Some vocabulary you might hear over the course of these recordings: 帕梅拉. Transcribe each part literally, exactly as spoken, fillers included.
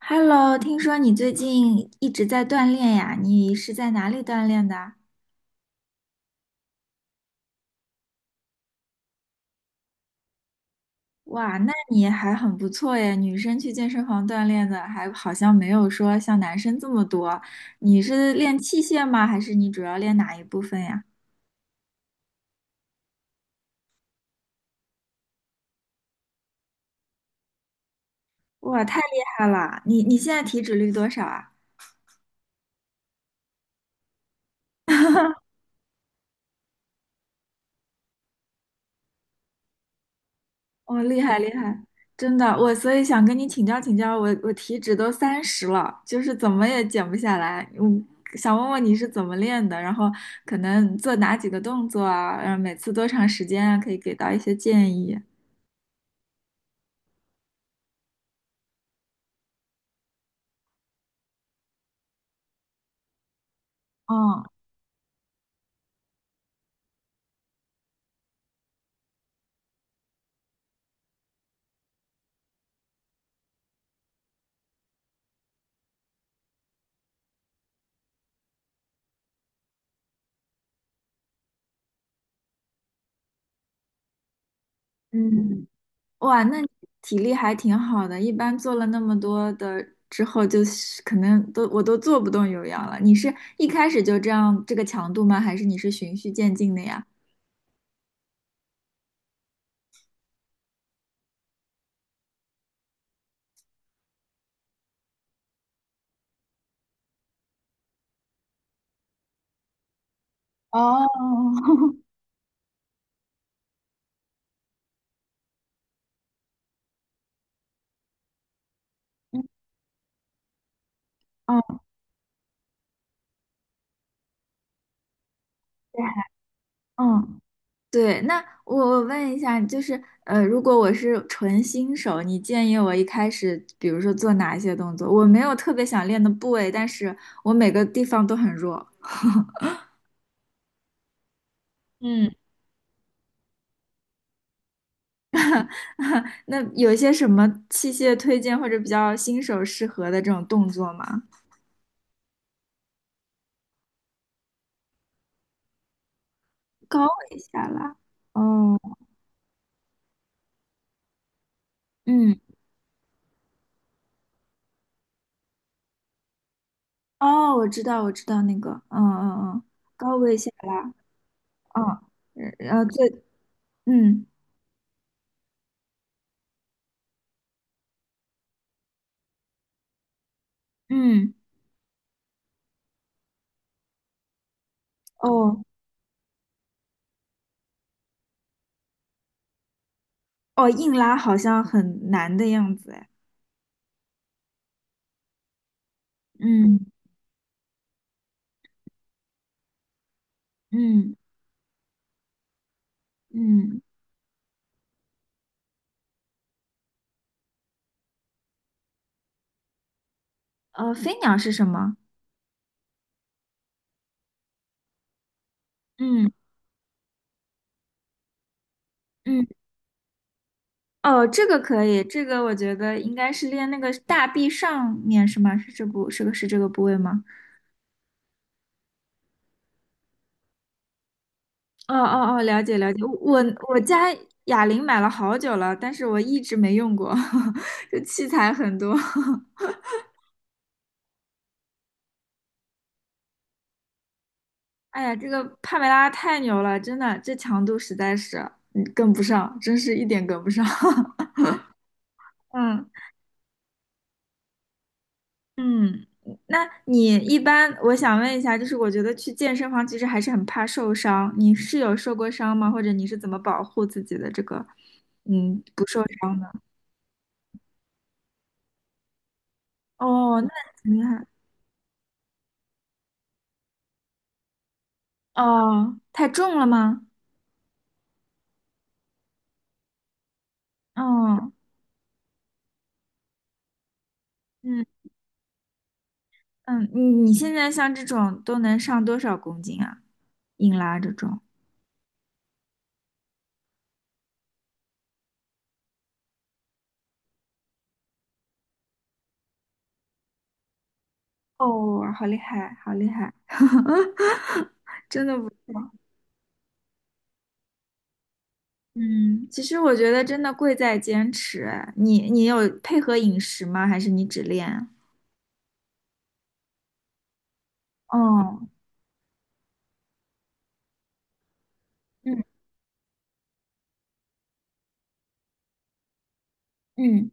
Hello，听说你最近一直在锻炼呀？你是在哪里锻炼的？哇，那你还很不错耶，女生去健身房锻炼的还好像没有说像男生这么多。你是练器械吗？还是你主要练哪一部分呀？哇，太厉害了！你你现在体脂率多少啊？哦，厉害厉害，真的，我所以想跟你请教请教，我我体脂都三十了，就是怎么也减不下来。嗯，想问问你是怎么练的，然后可能做哪几个动作啊，然后每次多长时间啊，可以给到一些建议。哦，嗯，哇，那你体力还挺好的，一般做了那么多的之后，就是可能都我都做不动有氧了。你是一开始就这样这个强度吗？还是你是循序渐进的呀？哦，哦，害，嗯。对，那我我问一下，就是呃，如果我是纯新手，你建议我一开始，比如说做哪些动作？我没有特别想练的部位，但是我每个地方都很弱。嗯。那有一些什么器械推荐或者比较新手适合的这种动作吗？高位下拉，哦，嗯，哦，我知道，我知道那个，嗯嗯嗯，高位下拉，嗯，呃，呃最，嗯嗯，哦，哦，硬拉好像很难的样子，哎，嗯嗯嗯，呃，飞鸟是什么？嗯嗯，哦，这个可以，这个我觉得应该是练那个大臂上面是吗？是这部是个是这个部位吗？哦哦哦，了解了解，我我家哑铃买了好久了，但是我一直没用过，这器材很多。哎呀，这个帕梅拉太牛了，真的，这强度实在是嗯跟不上，真是一点跟不上。嗯。嗯，那你一般，我想问一下，就是我觉得去健身房其实还是很怕受伤，你是有受过伤吗？或者你是怎么保护自己的这个，嗯，不受伤的？哦，那很厉害。哦，太重了吗？哦，嗯嗯，你你现在像这种都能上多少公斤啊？硬拉这种？哦，好厉害，好厉害。嗯，其实我觉得真的贵在坚持。哎你你有配合饮食吗？还是你只练？哦，嗯嗯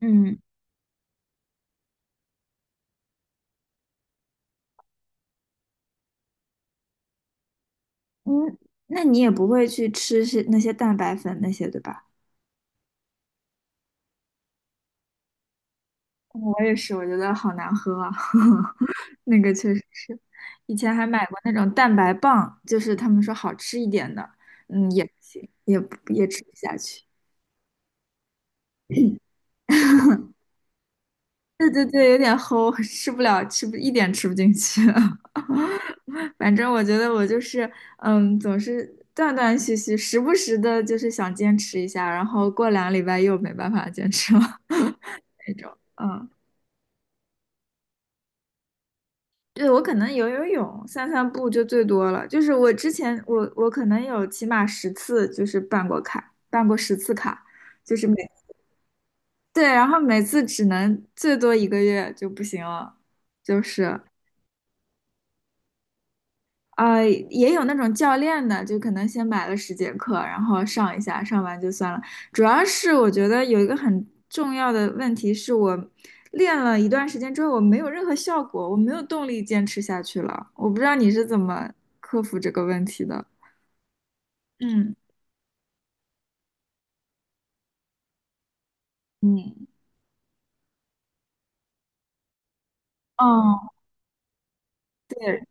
嗯嗯，那你也不会去吃是那些蛋白粉那些，对吧？我也是，我觉得好难喝啊，那个确实是。以前还买过那种蛋白棒，就是他们说好吃一点的，嗯，也不行，也不也吃不下去。对对对，有点齁，吃不了，吃不一点吃不进去。反正我觉得我就是，嗯，总是断断续续，时不时的就是想坚持一下，然后过两个礼拜又没办法坚持了 那种。嗯，对，我可能游游泳、散散步就最多了。就是我之前我我可能有起码十次就是办过卡，办过十次卡，就是每对，然后每次只能最多一个月就不行了，就是。呃，也有那种教练的，就可能先买了十节课，然后上一下，上完就算了。主要是我觉得有一个很重要的问题是我练了一段时间之后，我没有任何效果，我没有动力坚持下去了。我不知道你是怎么克服这个问题的。嗯嗯，哦，对，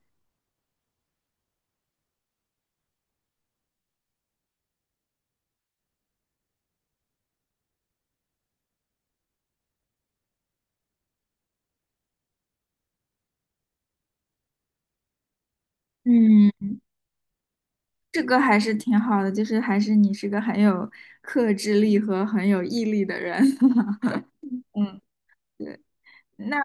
嗯，这个还是挺好的，就是还是你是个很有克制力和很有毅力的人。嗯，对。那。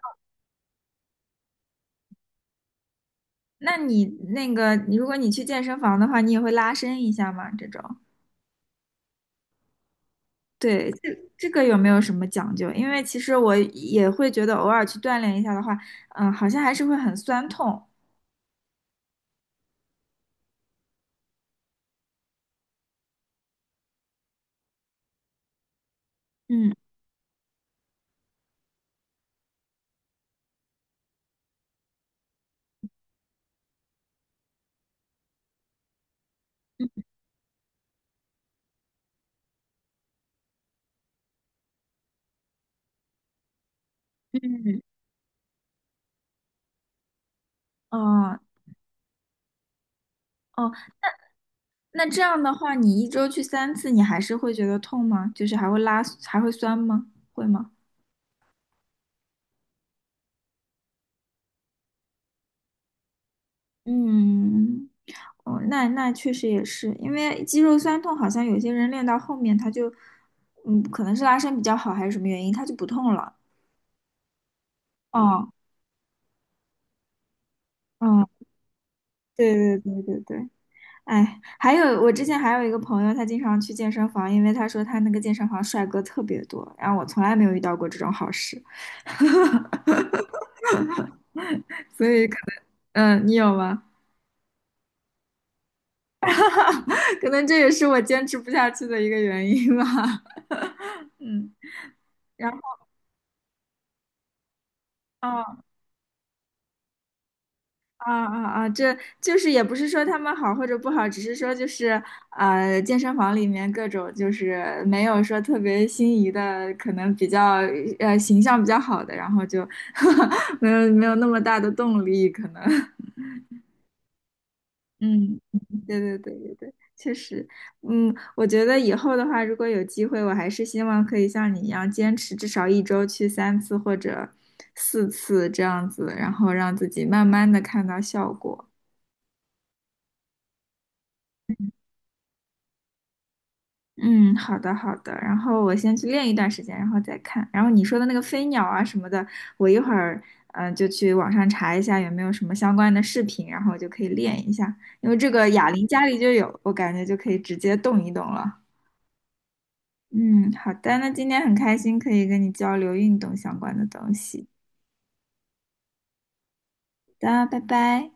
那你那个，如果你去健身房的话，你也会拉伸一下吗？这种，对，这这个有没有什么讲究？因为其实我也会觉得偶尔去锻炼一下的话，嗯，好像还是会很酸痛。嗯嗯，嗯嗯哦哦，那这样的话，你一周去三次，你还是会觉得痛吗？就是还会拉，还会酸吗？会吗？嗯，哦，那那确实也是，因为肌肉酸痛，好像有些人练到后面他就，嗯，可能是拉伸比较好还是什么原因，他就不痛了。哦，嗯，对对对对对，哎，还有我之前还有一个朋友，他经常去健身房，因为他说他那个健身房帅哥特别多，然后我从来没有遇到过这种好事，所以可能，嗯，你有吗？可能这也是我坚持不下去的一个原因吧。嗯，然后。哦啊啊啊！这就是也不是说他们好或者不好，只是说就是呃，健身房里面各种就是没有说特别心仪的，可能比较呃形象比较好的，然后就 没有没有那么大的动力，可能。嗯，对对对对对，确实，嗯，我觉得以后的话，如果有机会，我还是希望可以像你一样坚持至少一周去三次或者四次这样子，然后让自己慢慢的看到效果。嗯，好的好的，然后我先去练一段时间，然后再看。然后你说的那个飞鸟啊什么的，我一会儿嗯、呃就去网上查一下有没有什么相关的视频，然后我就可以练一下。因为这个哑铃家里就有，我感觉就可以直接动一动了。嗯，好的，那今天很开心可以跟你交流运动相关的东西。好的，拜拜。